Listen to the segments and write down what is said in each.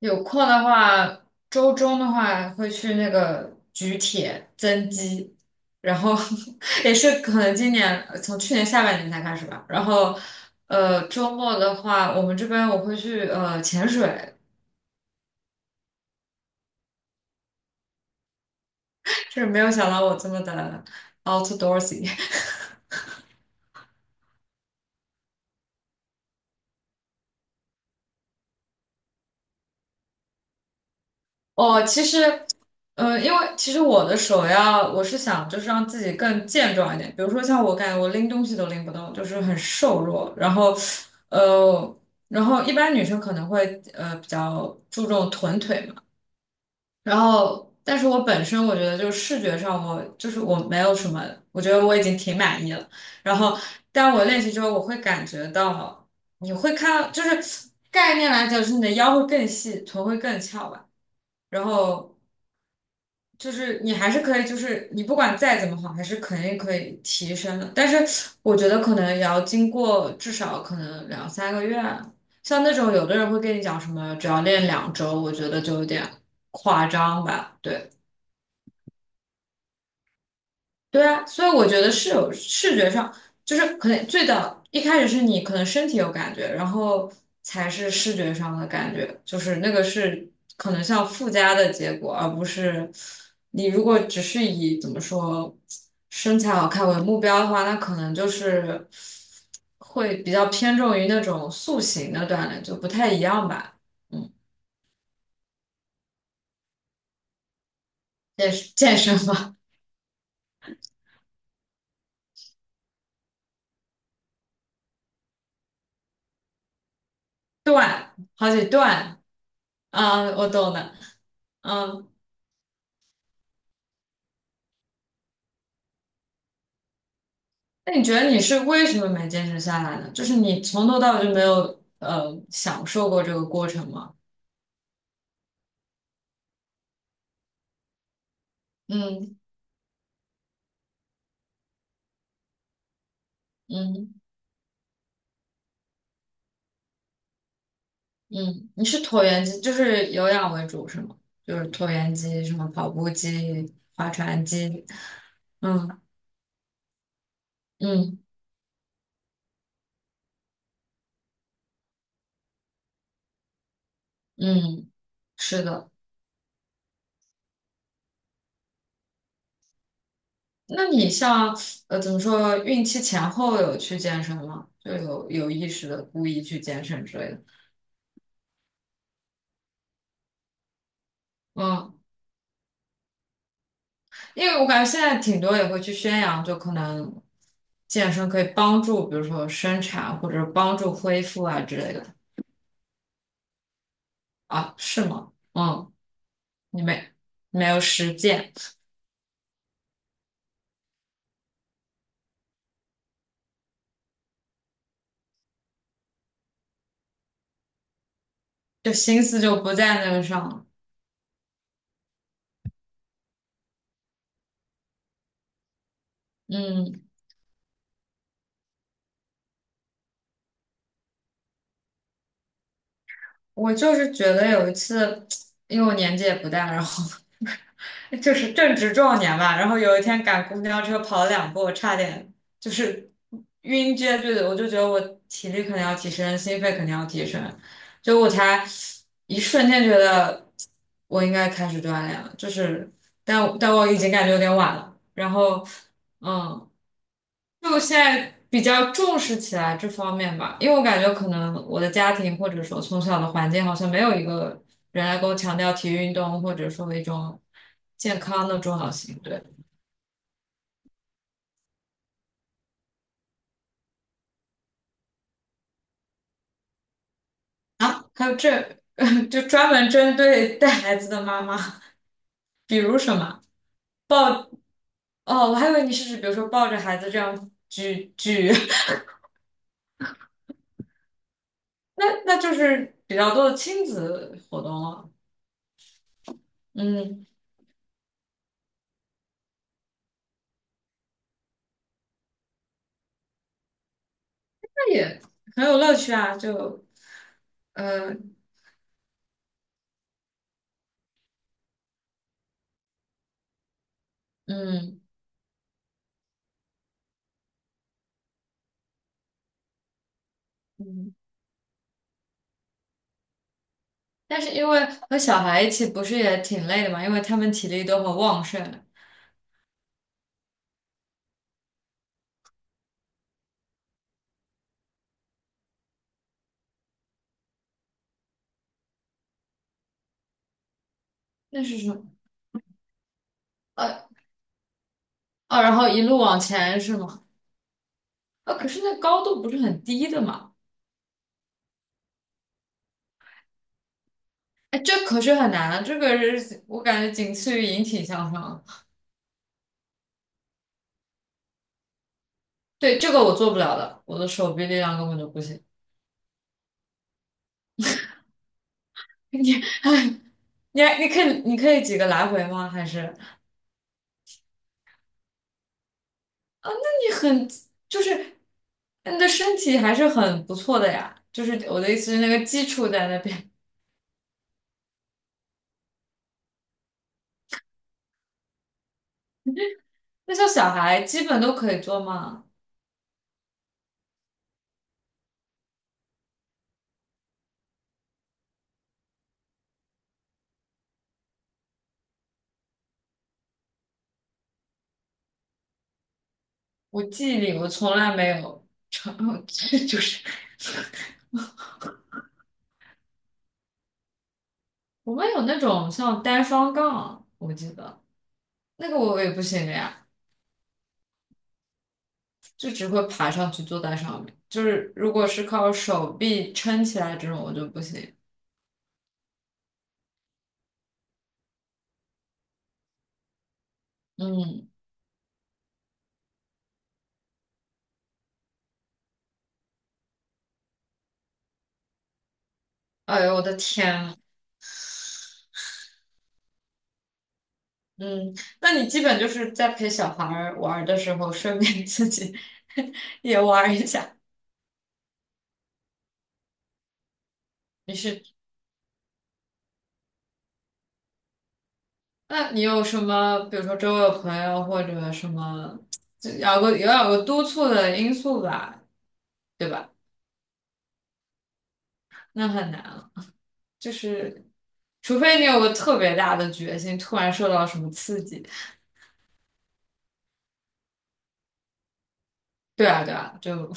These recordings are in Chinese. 有空的话，周中的话会去那个举铁增肌，然后 也是可能今年从去年下半年才开始吧。然后，周末的话，我们这边我会去潜水，就是没有想到我这么的 outdoorsy。哦，其实，因为其实我的首要，我是想就是让自己更健壮一点。比如说像我感觉我拎东西都拎不动，就是很瘦弱。然后，呃，然后一般女生可能会比较注重臀腿嘛。然后，但是我本身我觉得就是视觉上我就是我没有什么，我觉得我已经挺满意了。然后，但我练习之后，我会感觉到你会看到，就是概念来讲，就是你的腰会更细，臀会更翘吧。然后。就是你还是可以，就是你不管再怎么好，还是肯定可以提升的。但是我觉得可能也要经过至少可能两三个月啊，像那种有的人会跟你讲什么，只要练2周，我觉得就有点夸张吧，对。对啊，所以我觉得是有视觉上，就是可能最早一开始是你可能身体有感觉，然后才是视觉上的感觉，就是那个是可能像附加的结果，而不是你如果只是以怎么说身材好看为目标的话，那可能就是会比较偏重于那种塑形的锻炼，就不太一样吧。嗯，健身嘛，锻，好几段。啊，我懂的，嗯。那你觉得你是为什么没坚持下来呢？就是你从头到尾就没有享受过这个过程吗？嗯嗯嗯，你是椭圆机，就是有氧为主是吗？就是椭圆机、什么跑步机、划船机，嗯嗯嗯，是的。那你像怎么说，孕期前后有去健身吗？就有意识的故意去健身之类的，嗯。因为我感觉现在挺多也会去宣扬，就可能健身可以帮助，比如说生产或者帮助恢复啊之类的。啊，是吗？嗯，你没有实践，就心思就不在那个上了。嗯，我就是觉得有一次，因为我年纪也不大，然后就是正值壮年吧，然后有一天赶公交车跑了两步，我差点就是晕厥，对的，我就觉得我体力肯定要提升，心肺肯定要提升，就我才一瞬间觉得我应该开始锻炼了，就是但我已经感觉有点晚了，然后嗯。就现在比较重视起来这方面吧，因为我感觉可能我的家庭或者说从小的环境好像没有一个人来跟我强调体育运动或者说一种健康的重要性。对啊，还有这 就专门针对带孩子的妈妈，比如什么抱哦，我还以为你是指比如说抱着孩子这样举举，那就是比较多的亲子活动了。嗯，那也很有乐趣啊，就呃嗯。嗯，但是因为和小孩一起不是也挺累的嘛，因为他们体力都很旺盛。那是什么？呃，哦，然后一路往前是吗？啊，可是那高度不是很低的嘛？哎，这可是很难啊，这个是我感觉仅次于引体向上。对，这个我做不了的，我的手臂力量根本就不行。你你可以几个来回吗？还是啊？那你很就是你的身体还是很不错的呀。就是我的意思是那个基础在那边。那像小孩基本都可以做吗？我记忆里我从来没有成 就是我们有那种像单双杠，我记得那个我也不行的呀，就只会爬上去坐在上面。就是如果是靠手臂撑起来这种，我就不行。嗯，哎呦我的天啊。嗯，那你基本就是在陪小孩儿玩儿的时候，顺便自己 也玩儿一下。你是，那你有什么，比如说周围有朋友或者什么？就要有个督促的因素吧，对吧？那很难了，就是除非你有个特别大的决心，突然受到什么刺激。对啊，对啊，就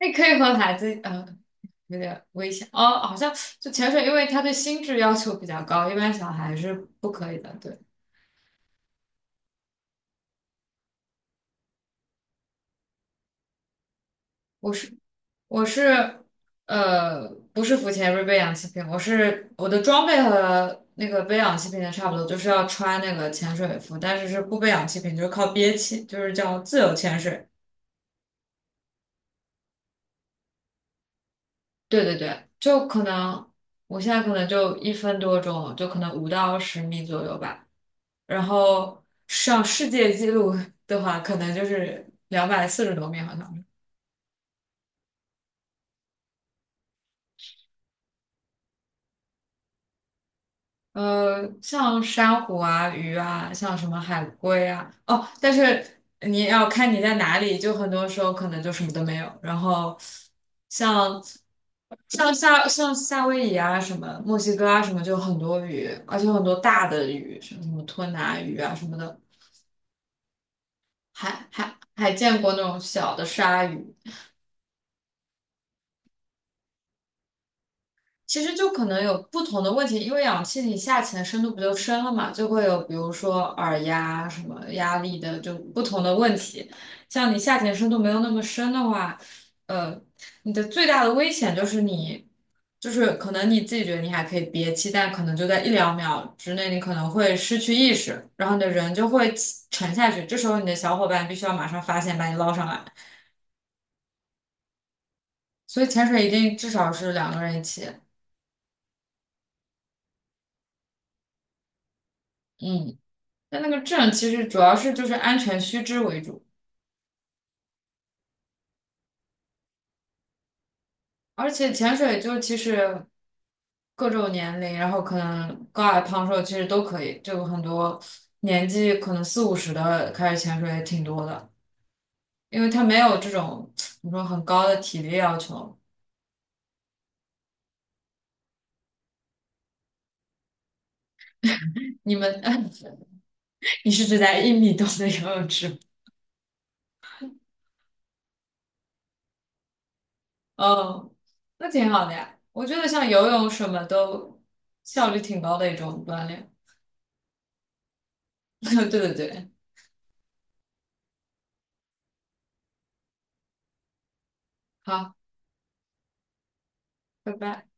你可以和孩子，有点危险哦。好像就潜水，因为它对心智要求比较高，一般小孩是不可以的。对，我是我是呃，不是浮潜，不是背氧气瓶，我是我的装备和那个背氧气瓶的差不多，就是要穿那个潜水服，但是是不背氧气瓶，就是靠憋气，就是叫自由潜水。对对对，就可能我现在可能就1分多钟，就可能5到10米左右吧。然后上世界纪录 的话，可能就是240多米，好像。像珊瑚啊、鱼啊，像什么海龟啊，哦，但是你要看你在哪里，就很多时候可能就什么都没有。然后像像夏威夷啊、什么墨西哥啊、什么，就很多鱼，而且很多大的鱼，什么吞拿鱼啊什么的。还见过那种小的鲨鱼，其实就可能有不同的问题，因为氧气你下潜的深度不就深了嘛，就会有比如说耳压什么压力的就不同的问题。像你下潜深度没有那么深的话，呃，你的最大的危险就是你，就是可能你自己觉得你还可以憋气，但可能就在一两秒之内，你可能会失去意识，然后你的人就会沉下去，这时候你的小伙伴必须要马上发现把你捞上来。所以潜水一定至少是两个人一起。嗯，但那个证其实主要是就是安全须知为主，而且潜水就其实各种年龄，然后可能高矮胖瘦其实都可以，就很多年纪可能四五十的开始潜水也挺多的，因为他没有这种怎么说很高的体力要求。你们，你是指在1米多的游泳池吗？哦，那挺好的呀。我觉得像游泳什么都效率挺高的一种锻炼。对对对，好，拜拜。